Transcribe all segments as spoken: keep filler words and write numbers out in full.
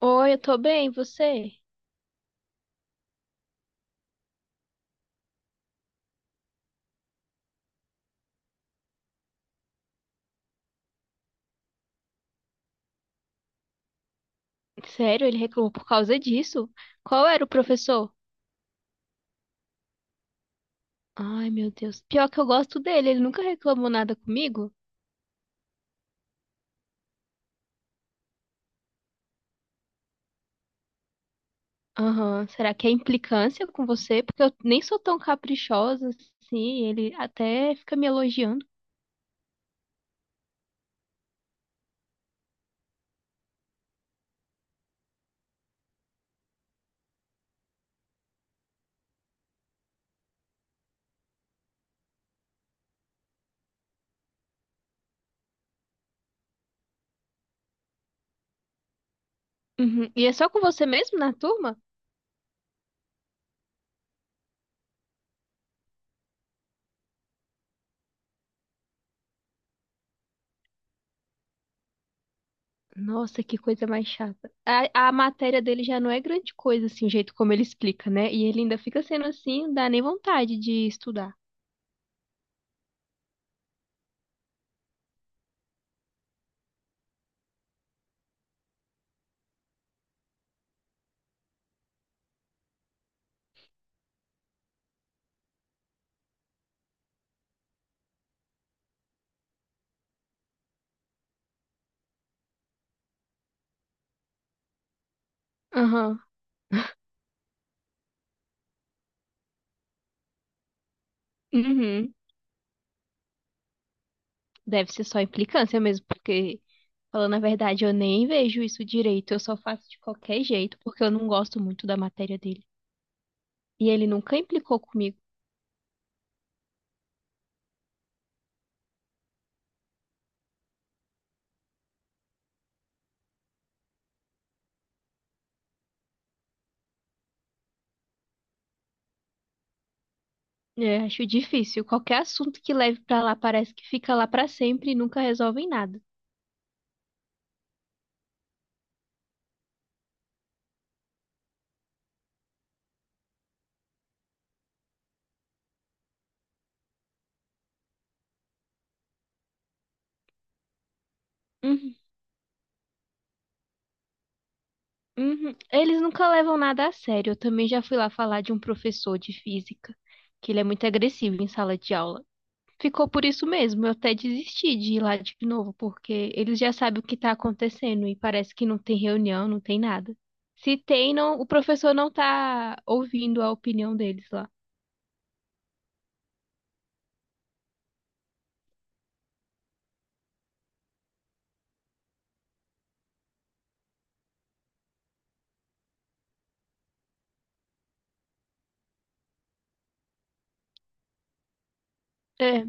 Oi, eu tô bem, e você? Sério, ele reclamou por causa disso? Qual era o professor? Ai, meu Deus. Pior que eu gosto dele, ele nunca reclamou nada comigo. Aham, será que é implicância com você? Porque eu nem sou tão caprichosa assim, ele até fica me elogiando. Uhum. E é só com você mesmo na turma? Nossa, que coisa mais chata. A, a matéria dele já não é grande coisa, assim, o jeito como ele explica, né? E ele ainda fica sendo assim, não dá nem vontade de estudar. Aham. Uhum. Deve ser só implicância mesmo, porque, falando a verdade, eu nem vejo isso direito. Eu só faço de qualquer jeito, porque eu não gosto muito da matéria dele. E ele nunca implicou comigo. É, acho difícil. Qualquer assunto que leve pra lá parece que fica lá pra sempre e nunca resolvem nada. Uhum, uhum. Eles nunca levam nada a sério. Eu também já fui lá falar de um professor de física, que ele é muito agressivo em sala de aula. Ficou por isso mesmo. Eu até desisti de ir lá de novo, porque eles já sabem o que está acontecendo e parece que não tem reunião, não tem nada. Se tem, não, o professor não tá ouvindo a opinião deles lá. É,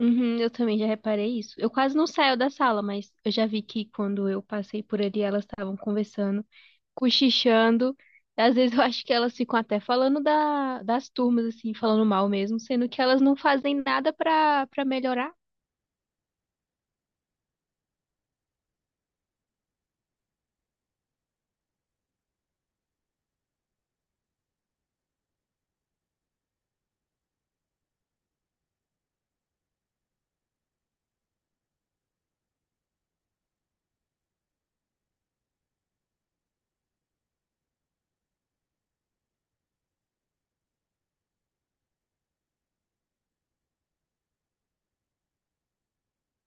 uhum, eu também já reparei isso. Eu quase não saio da sala, mas eu já vi que quando eu passei por ali, elas estavam conversando, cochichando. Às vezes eu acho que elas ficam até falando da, das turmas, assim, falando mal mesmo, sendo que elas não fazem nada pra, pra melhorar.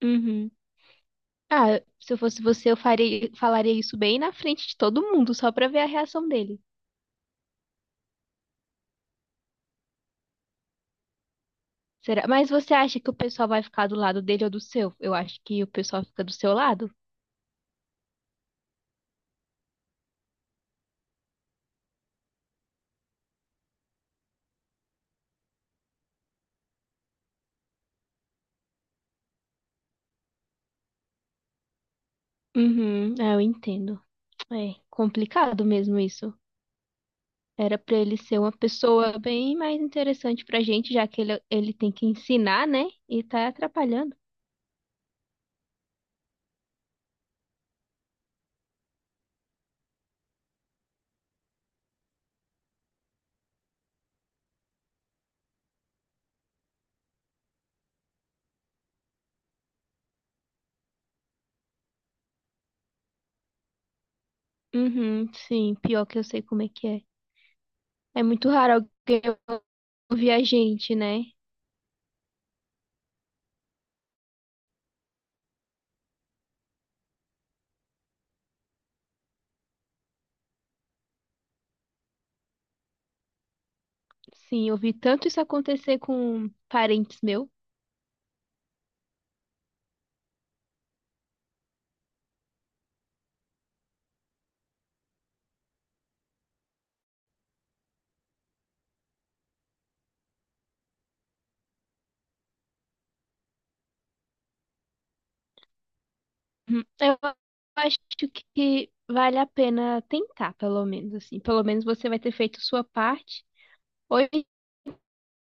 Uhum. Ah, se eu fosse você, eu faria, falaria isso bem na frente de todo mundo, só pra ver a reação dele. Será? Mas você acha que o pessoal vai ficar do lado dele ou do seu? Eu acho que o pessoal fica do seu lado. Uhum, ah, eu entendo. É complicado mesmo isso. Era pra ele ser uma pessoa bem mais interessante pra gente, já que ele, ele tem que ensinar, né? E tá atrapalhando. Uhum, sim, pior que eu sei como é que é. É muito raro alguém ouvir a gente, né? Sim, eu vi tanto isso acontecer com parentes meu. Uhum. Eu acho que vale a pena tentar, pelo menos, assim. Pelo menos você vai ter feito sua parte. Ou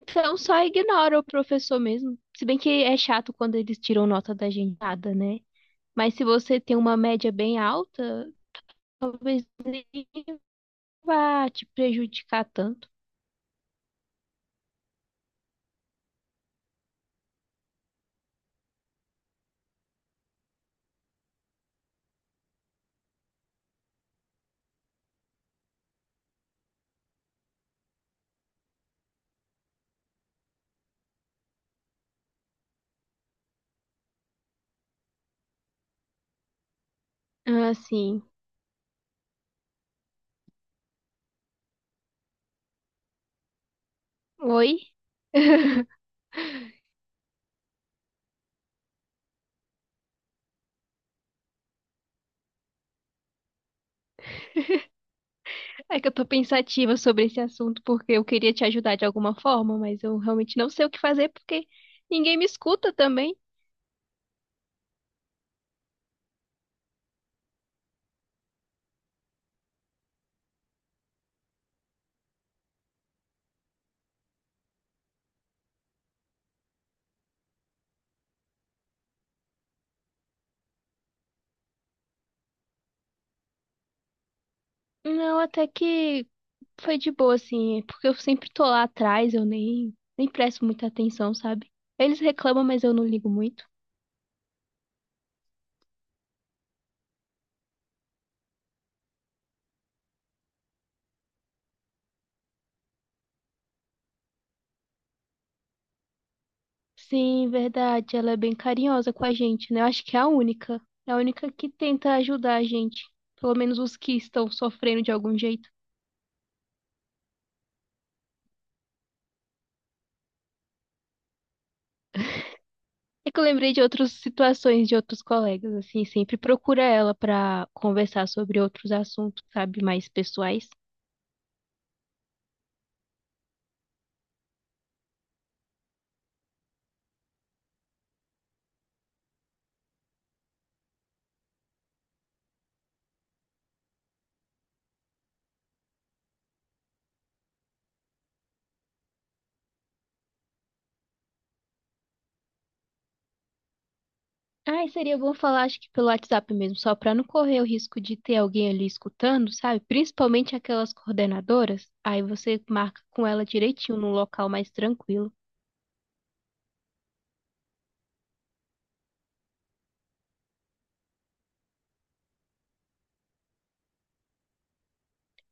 então só ignora o professor mesmo. Se bem que é chato quando eles tiram nota da gente, nada, né? Mas se você tem uma média bem alta, talvez nem vá te prejudicar tanto. Assim, oi? É que eu tô pensativa sobre esse assunto porque eu queria te ajudar de alguma forma, mas eu realmente não sei o que fazer porque ninguém me escuta também. Não, até que foi de boa, assim, é porque eu sempre tô lá atrás, eu nem, nem presto muita atenção, sabe? Eles reclamam, mas eu não ligo muito. Sim, verdade, ela é bem carinhosa com a gente, né? Eu acho que é a única. É a única que tenta ajudar a gente. Pelo menos os que estão sofrendo de algum jeito. É que eu lembrei de outras situações de outros colegas, assim, sempre procura ela pra conversar sobre outros assuntos, sabe, mais pessoais. Ai, seria bom falar, acho que pelo WhatsApp mesmo, só pra não correr o risco de ter alguém ali escutando, sabe? Principalmente aquelas coordenadoras. Aí você marca com ela direitinho num local mais tranquilo.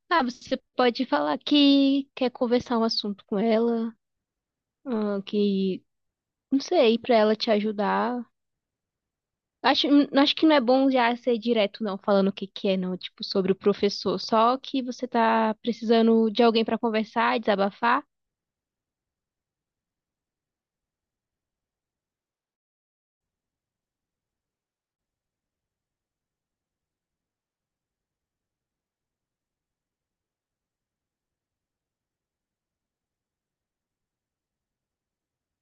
Ah, você pode falar que quer conversar um assunto com ela, ah, que, não sei, pra ela te ajudar. Acho, hum, acho que não é bom já ser direto, não, falando o que que é, não, tipo, sobre o professor. Só que você tá precisando de alguém pra conversar, desabafar.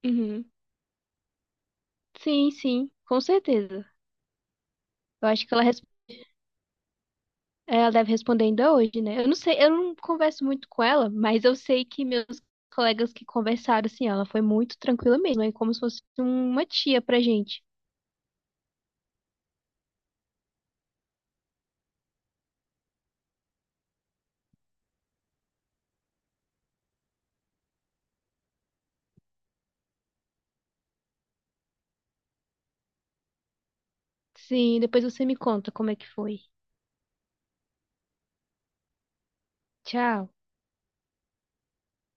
Uhum. Sim, sim, com certeza. Eu acho que ela, res- ela deve responder ainda hoje, né? Eu não sei, eu não converso muito com ela, mas eu sei que meus colegas que conversaram, assim, ela foi muito tranquila mesmo, é como se fosse uma tia pra gente. Sim, depois você me conta como é que foi. Tchau.